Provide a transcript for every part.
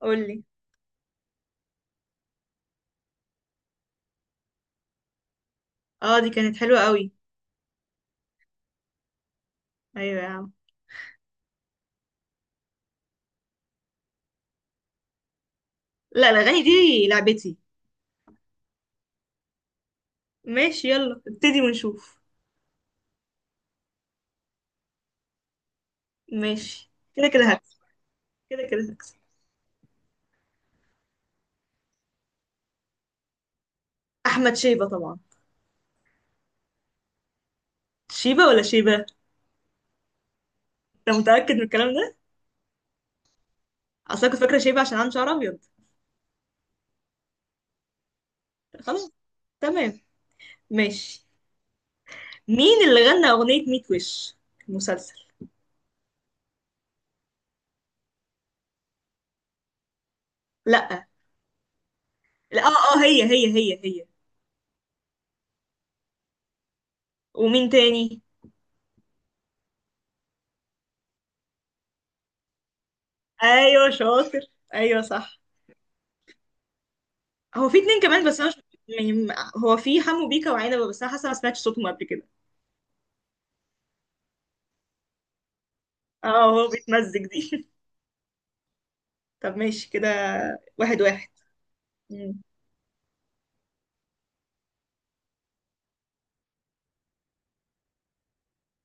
قولي. اه، دي كانت حلوة قوي. ايوه يا عم. لا الاغاني دي لعبتي. ماشي، يلا ابتدي ونشوف. ماشي كده كده هكسب. كده كده هكسب. احمد شيبة طبعا. شيبة ولا شيبة؟ انت متأكد من الكلام ده؟ اصل أنا كنت فاكرة شيبة عشان عنده شعر ابيض. خلاص. تمام. ماشي. مين اللي غنى اغنية ميت وش المسلسل؟ لا. لا اه اه هي. ومين تاني؟ ايوه شاطر. ايوه صح. هو في اتنين كمان بس انا مش يعني هو في حمو بيكا وعنبه بس انا حاسه ما سمعتش صوتهم قبل كده. اه هو بيتمزج دي. طب ماشي كده. واحد واحد. مم.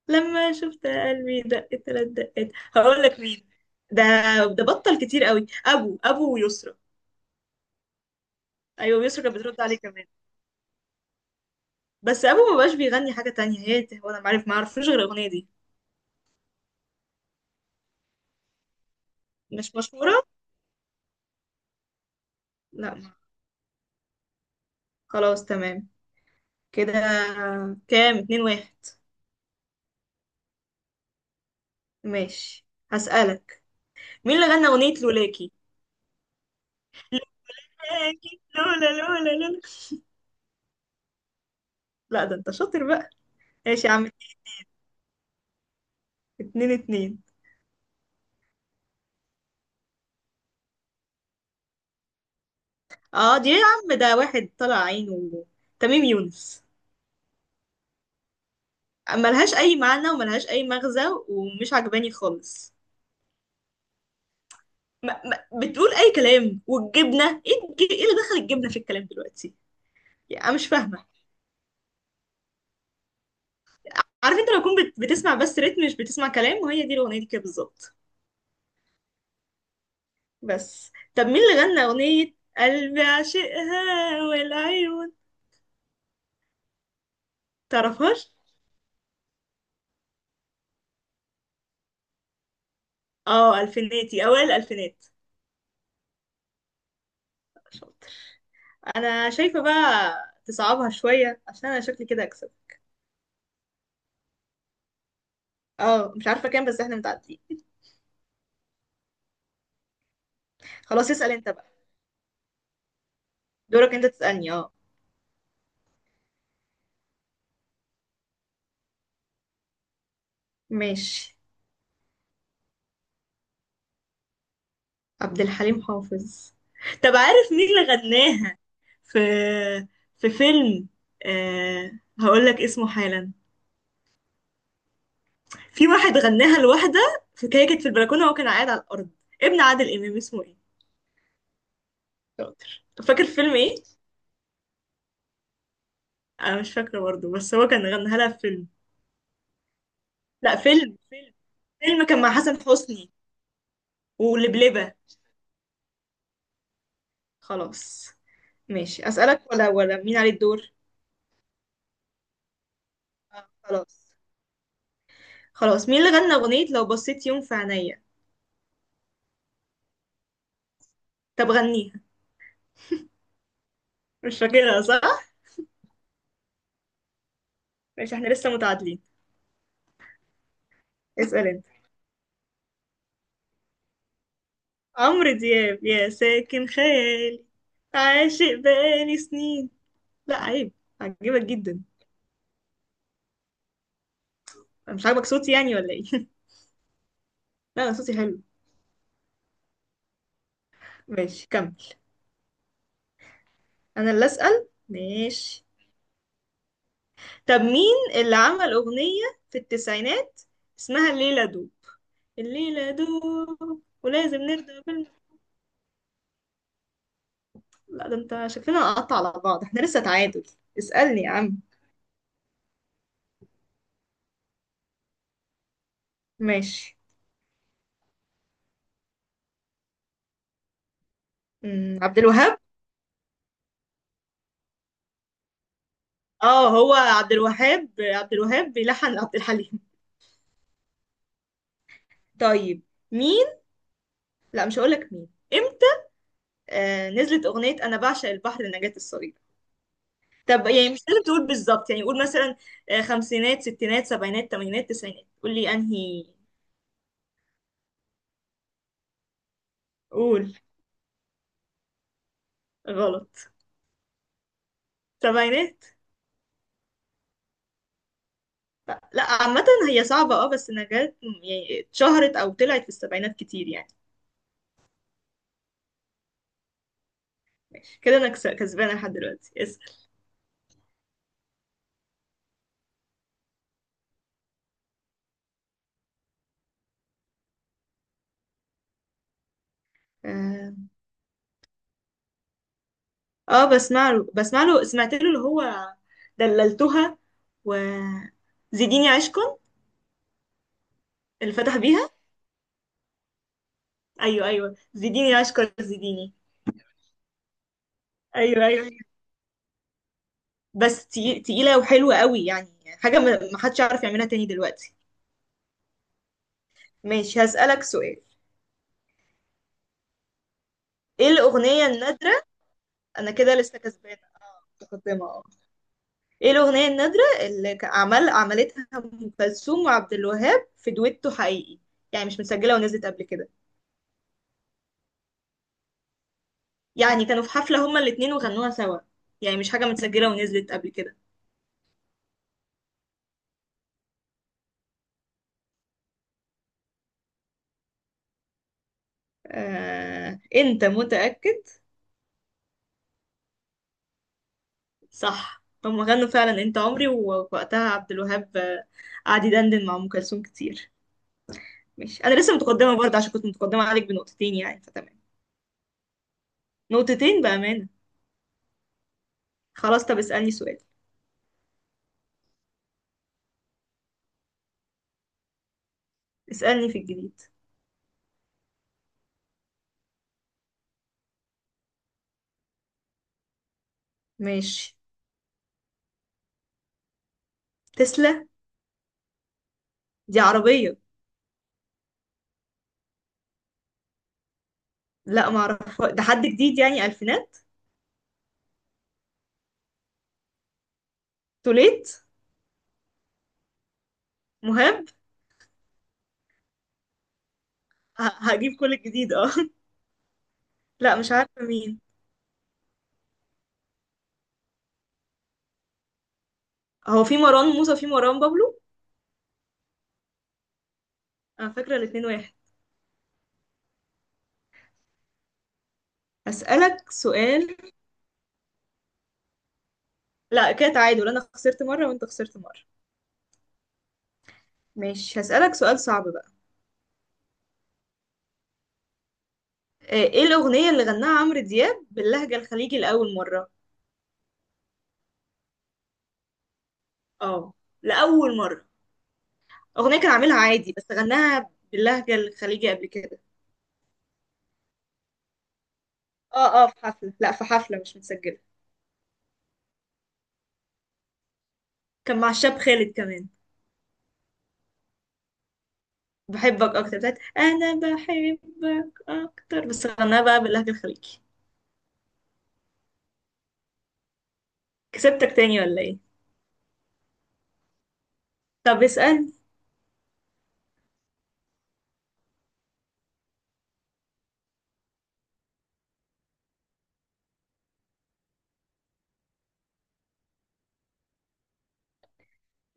لما شفت قلبي دق تلات دقات هقول لك مين. ده ده بطل كتير قوي ابو ويسرا. ايوه يسرا كانت بترد عليه كمان. بس ابو ما بقاش بيغني حاجه تانية، هي هو انا معرف ما اعرفوش غير الاغنيه دي. مش مشهوره. لا ما- خلاص تمام كده. كام؟ اتنين واحد. ماشي هسألك: مين اللي غنى اغنيه لولاكي؟ لولاكي لولا لولا لولا. لا ده انت شاطر بقى. ماشي يا عم. اتنين اتنين. اه دي يا عم ده واحد طلع عينه، تميم يونس. ملهاش اي معنى وملهاش اي مغزى، ومش عجباني خالص. ما ما بتقول اي كلام، والجبنه، ايه اللي دخل الجبنه في الكلام دلوقتي؟ يعني انا مش فاهمه. عارف انت لو كنت بتسمع بس رتم مش بتسمع كلام، وهي دي الاغنيه دي كده بالظبط. بس طب مين اللي غنى اغنيه قلبي عشقها والعيون؟ تعرفهاش؟ اه الفيناتي، اوائل الالفينات. شاطر. انا شايفه بقى تصعبها شويه عشان انا شكلي كده اكسب. اه مش عارفة كام بس احنا متعدين. خلاص اسأل انت بقى، دورك انت تسألني اه. ماشي. عبد الحليم حافظ. طب عارف مين اللي غناها؟ في في فيلم أه... هقول لك اسمه حالا. في واحد غناها لواحدة في كده، كانت في البلكونة وهو كان قاعد على الأرض. ابن عادل إمام اسمه ايه؟ شاطر. فاكر فيلم ايه؟ أنا مش فاكرة برضه بس هو كان غناها لها في فيلم. لا فيلم فيلم. فيلم كان مع حسن حسني ولبلبة. خلاص. ماشي. أسألك ولا مين عليه الدور؟ آه، خلاص. خلاص، مين اللي غنى أغنية لو بصيت يوم في عينيا؟ طب غنيها. مش فاكرها صح؟ ماشي احنا لسه متعادلين. اسأل انت. عمرو دياب، يا ساكن خيالي، عاشق بقالي سنين. لا عيب. عجبك جدا. أنا مش عاجبك صوتي يعني ولا ايه؟ لا أنا صوتي حلو. ماشي كمل. أنا اللي أسأل، ماشي. طب مين اللي عمل أغنية في التسعينات اسمها الليلة دوب؟ الليلة دوب ولازم نرضى. لا ده انت شكلنا نقطع على بعض، احنا لسه تعادل. اسألني يا عم. ماشي. عبد الوهاب. اه هو عبد الوهاب، عبد الوهاب بيلحن عبد الحليم. طيب، مين؟ لا مش هقولك مين امتى. آه نزلت اغنية انا بعشق البحر لنجاة الصغيرة. طب يعني مش لازم تقول بالظبط، يعني قول مثلا آه، خمسينات ستينات سبعينات تمانينات تسعينات، قول لي انهي. قول. غلط. سبعينات. لا، عامة هي صعبة اه، بس نجاة يعني اتشهرت او طلعت في السبعينات كتير يعني. كده انا كسبانه لحد دلوقتي. اسال. اه. آه، بسمع له، بسمع له، سمعت له اللي هو دللتها، و زيديني عشقا. اللي فتح بيها. ايوه ايوه، زيديني عشقا زيديني. ايوه ايوه أيوه. بس تقيله وحلوه قوي يعني، حاجه ما حدش يعرف يعملها تاني دلوقتي. ماشي هسالك سؤال. ايه الاغنيه النادره؟ انا كده لسه كسبانه اه، متقدمه اه. ايه الأغنية النادرة اللي عملتها أم كلثوم وعبد الوهاب في دويتو حقيقي؟ يعني مش متسجلة ونزلت قبل كده. يعني كانوا في حفلة هما الاتنين وغنوها سوا، يعني مش حاجة متسجلة ونزلت قبل كده. آه... انت متأكد؟ صح هما غنوا فعلا انت عمري، ووقتها عبد الوهاب آه، قعد يدندن مع أم كلثوم كتير. ماشي أنا لسه متقدمة برضه، عشان كنت متقدمة عليك بنقطتين يعني، فتمام. نقطتين بأمانة. خلاص طب اسألني سؤال. اسألني في الجديد. ماشي. تسلا. دي عربية. لا ما اعرف، ده حد جديد يعني الفينات. توليت. مهاب. هجيب كل الجديد اه. لا مش عارفه مين. هو في مروان موسى وفي مروان بابلو. انا فاكره الاتنين واحد. هسألك سؤال. لا كده تعادل، انا خسرت مره وانت خسرت مره. ماشي هسألك سؤال صعب بقى. آه، ايه الاغنيه اللي غناها عمرو دياب باللهجه الخليجي لاول مره؟ اه. لاول مره. اغنيه كان عاملها عادي بس غناها باللهجه الخليجي قبل كده. اه اه في حفله، لا في حفله مش متسجله. كان مع الشاب خالد كمان. بحبك اكتر، بتاعت انا بحبك اكتر، بس غناها بقى باللهجة الخليجي. كسبتك تاني ولا ايه؟ طب اسأل.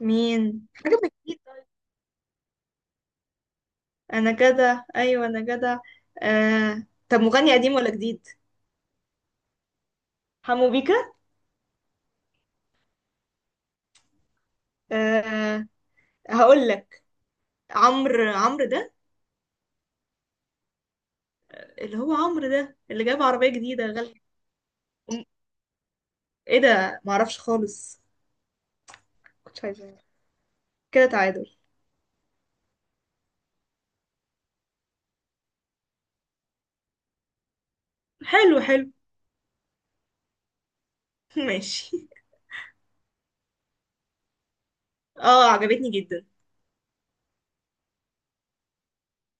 مين؟ حاجة من جديد. انا جدع. ايوه انا جدع. آه... طب مغني قديم ولا جديد؟ حمو بيكا. آه... هقول لك. عمرو ده، اللي هو عمرو ده اللي جاب عربية جديدة غالية. أم- ايه ده؟ معرفش خالص. كنتش عايزة كده تعادل. حلو حلو. ماشي. اه عجبتني جدا.